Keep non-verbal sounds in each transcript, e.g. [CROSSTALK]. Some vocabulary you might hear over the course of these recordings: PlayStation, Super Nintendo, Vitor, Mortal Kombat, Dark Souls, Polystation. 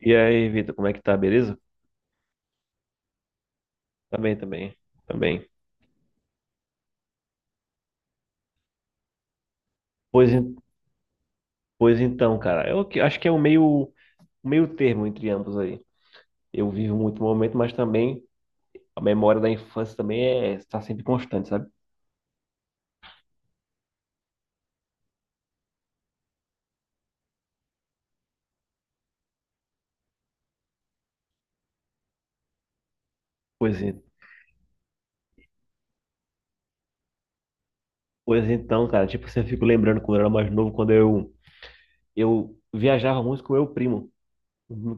E aí, Vitor, como é que tá? Beleza? Tá bem também. Tá bem. Pois, en- pois então, cara, acho que é o meio, um meio termo entre ambos aí. Eu vivo muito o momento, mas também a memória da infância também está sempre constante, sabe? Pois, en- pois então, cara, tipo, você fica lembrando quando eu era mais novo, quando eu viajava muito com o meu primo,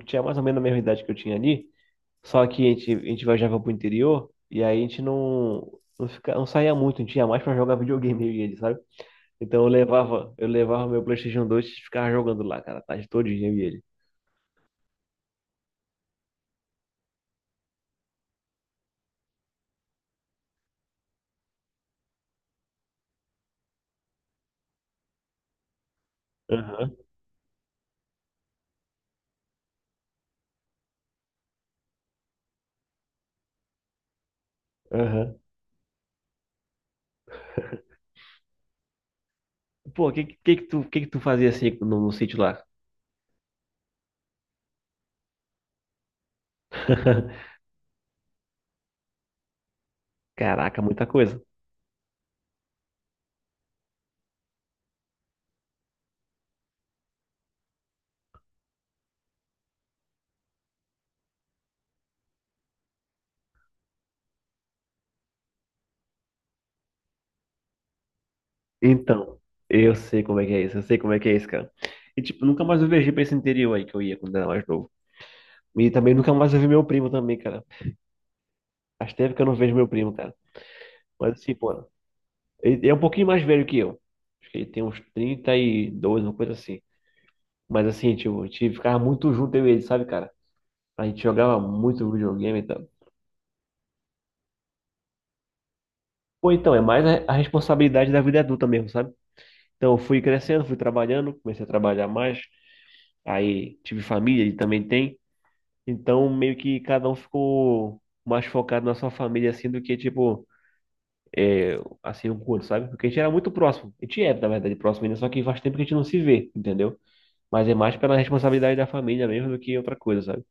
que tinha mais ou menos a mesma idade que eu tinha ali, só que a gente viajava pro interior e aí a gente não saía muito, a gente ia mais pra jogar videogame, eu e ele, sabe? Então eu levava meu PlayStation 2 e ficava jogando lá, cara, a tarde todinha eu e ele. Aham, aham. Pô, o que, que tu fazia assim no, no sítio lá? [LAUGHS] Caraca, muita coisa. Então, eu sei como é que é isso, eu sei como é que é isso, cara. E tipo, nunca mais eu viajei pra esse interior aí que eu ia quando era mais novo. E também nunca mais eu vi meu primo também, cara. Faz tempo que eu não vejo meu primo, cara. Mas assim, pô, ele é um pouquinho mais velho que eu. Acho que ele tem uns 32, uma coisa assim. Mas assim, tipo, a gente ficava muito junto eu e ele, sabe, cara? A gente jogava muito videogame, então. Ou então, é mais a responsabilidade da vida adulta mesmo, sabe? Então, eu fui crescendo, fui trabalhando, comecei a trabalhar mais. Aí, tive família, ele também tem. Então, meio que cada um ficou mais focado na sua família, assim, do que, tipo, assim, um curso, sabe? Porque a gente era muito próximo. A gente é, na verdade, próximo ainda, só que faz tempo que a gente não se vê, entendeu? Mas é mais pela responsabilidade da família mesmo do que outra coisa, sabe?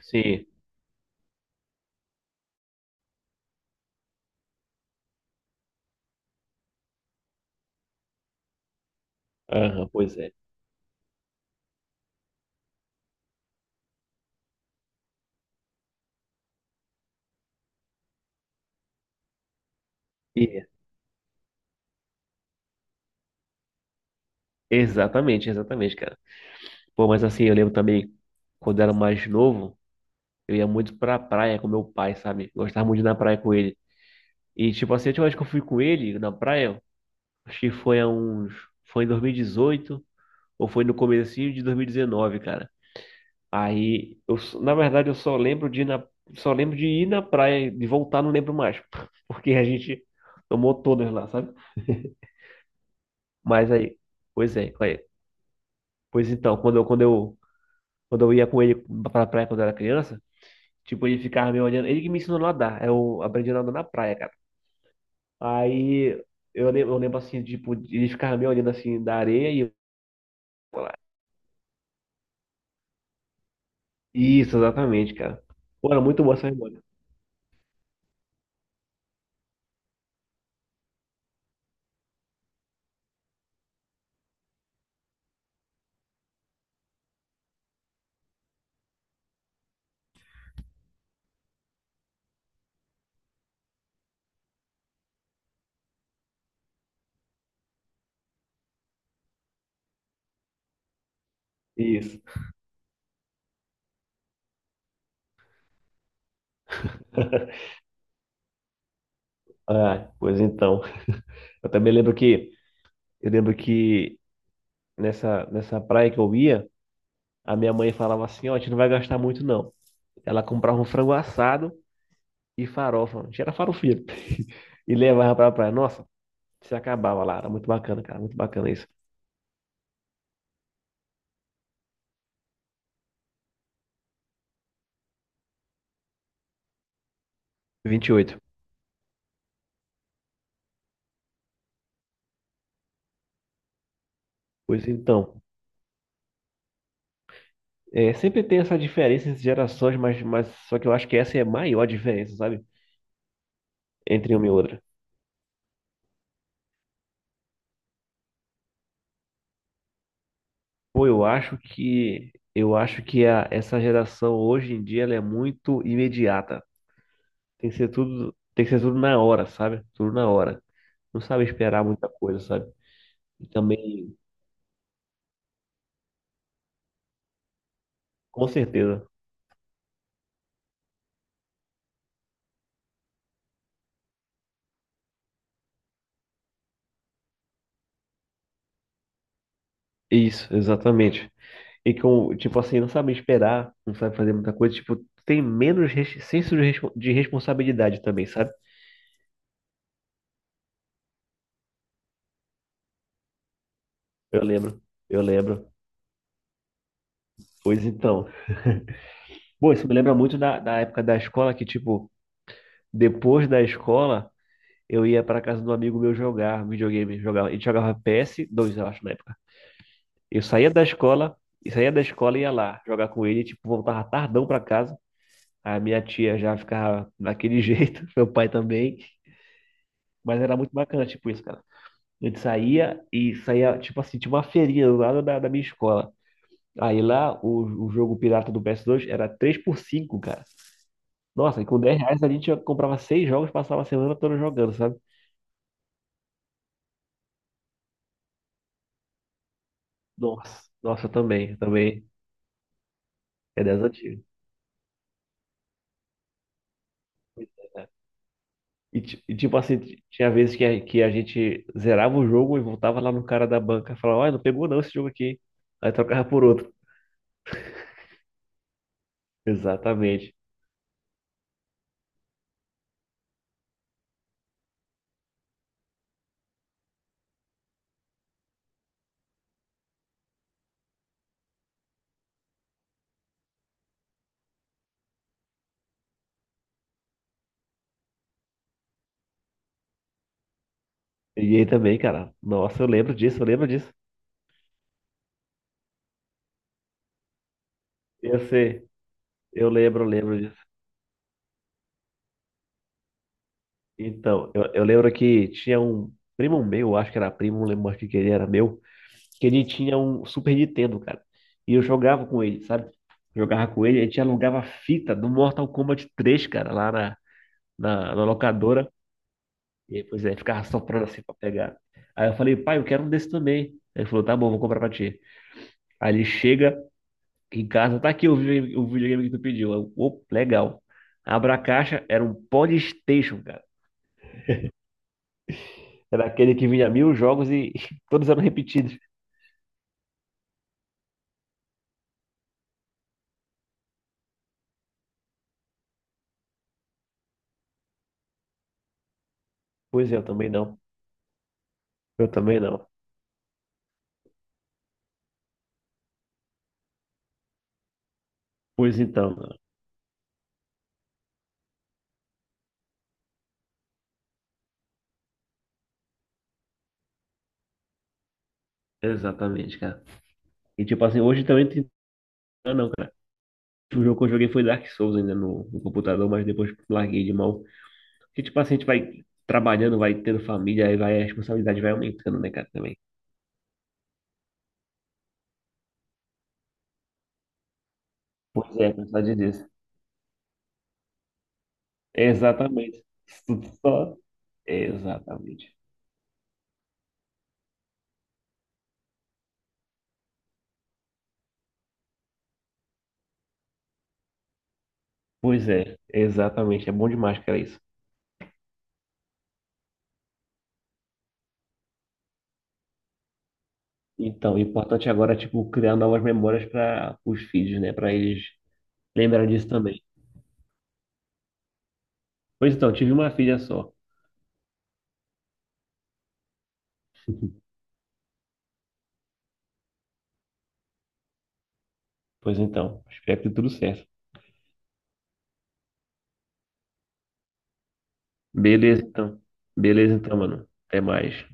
Sim. Aham, pois é. E- Exatamente, exatamente, cara. Pô, mas assim, eu lembro também, quando eu era mais novo, eu ia muito pra praia com meu pai, sabe? Gostava muito de ir na praia com ele. E, tipo assim, a última vez que eu fui com ele na praia, acho que foi há uns. Foi em 2018, ou foi no comecinho de 2019, cara. Aí, na verdade, eu só lembro de ir na. Só lembro de ir na praia, de voltar, não lembro mais. [LAUGHS] Porque a gente tomou todas lá, sabe? Mas aí. Pois é, aí- pois então, quando eu ia com ele pra praia quando eu era criança. Tipo, ele ficava me olhando. Ele que me ensinou a nadar. Eu aprendi a nadar na praia, cara. Aí eu lembro assim, tipo, ele ficava me olhando assim da areia e eu ia lá. Isso, exatamente, cara. Pô, era muito boa essa memória. Isso. [LAUGHS] Ah, pois então. Eu também lembro que nessa praia que eu ia, a minha mãe falava assim, ó, a gente não vai gastar muito, não. Ela comprava um frango assado e farofa. A gente era farofeiro. [LAUGHS] E levava pra praia. Nossa, se acabava lá. Era muito bacana, cara. Muito bacana isso. 28. Pois então, é, sempre tem essa diferença entre gerações, mas só que eu acho que essa é a maior diferença, sabe? Entre uma e outra. Pô, eu acho que essa geração hoje em dia ela é muito imediata. Tem que ser tudo, tem que ser tudo na hora, sabe? Tudo na hora. Não sabe esperar muita coisa, sabe? E também, com certeza. Isso, exatamente. E com, tipo assim, não sabe esperar, não sabe fazer muita coisa, tipo, tem menos senso de responsabilidade também, sabe? Eu lembro. Eu lembro. Pois então. Bom, isso me lembra muito da, da época da escola que, tipo, depois da escola, eu ia para casa do amigo meu jogar videogame. Jogava, ele jogava PS2, eu acho, na época. Eu saía da escola, e saía da escola e ia lá jogar com ele, tipo, voltava tardão para casa. A minha tia já ficava daquele [LAUGHS] jeito, meu pai também. Mas era muito bacana, tipo, isso, cara. A gente saía e saía, tipo assim, tinha uma feirinha do lado da minha escola. Aí lá, o jogo pirata do PS2 era 3 por 5. Nossa, e com 10 reais a gente comprava seis jogos, passava a semana toda jogando, sabe? Nossa, nossa, eu também, eu também. É das antigas. Pois é. E, tipo assim, tinha vezes que a gente zerava o jogo e voltava lá no cara da banca e falava: olha, não pegou não esse jogo aqui, hein? Aí trocava por outro. Exatamente. E aí também, cara, nossa, eu lembro disso, eu lembro disso. Eu sei, eu lembro disso. Então, eu lembro que tinha um primo meu, eu acho que era primo, não lembro mais o que que ele era meu. Que ele tinha um Super Nintendo, cara. E eu jogava com ele, sabe? Jogava com ele, a gente alugava fita do Mortal Kombat 3, cara, lá na locadora. E aí, pois é, ficava soprando assim pra pegar. Aí eu falei: pai, eu quero um desse também. Aí ele falou: tá bom, vou comprar pra ti. Aí ele chega em casa: tá aqui o videogame que tu pediu. Eu: opa, legal. Abra a caixa, era um Polystation, cara. Era aquele que vinha 1000 jogos e [LAUGHS] todos eram repetidos. Pois é, eu também não. Eu também não. Pois então, mano. Exatamente, cara. E tipo assim, hoje também tem. Ah, não, cara. O jogo que eu joguei foi Dark Souls ainda no, no computador, mas depois larguei de mão. Porque tipo assim, a gente vai trabalhando, vai tendo família, aí vai, a responsabilidade vai aumentando, né, cara, também. Pois é, verdade disso. Exatamente. Isso tudo só. Exatamente. Pois é, exatamente. É bom demais, cara, isso. Então, o importante agora é, tipo, criar novas memórias para os filhos, né? Para eles lembrarem disso também. Pois então, tive uma filha só. Pois então, espero que tudo certo. Beleza, então. Beleza, então, mano. Até mais.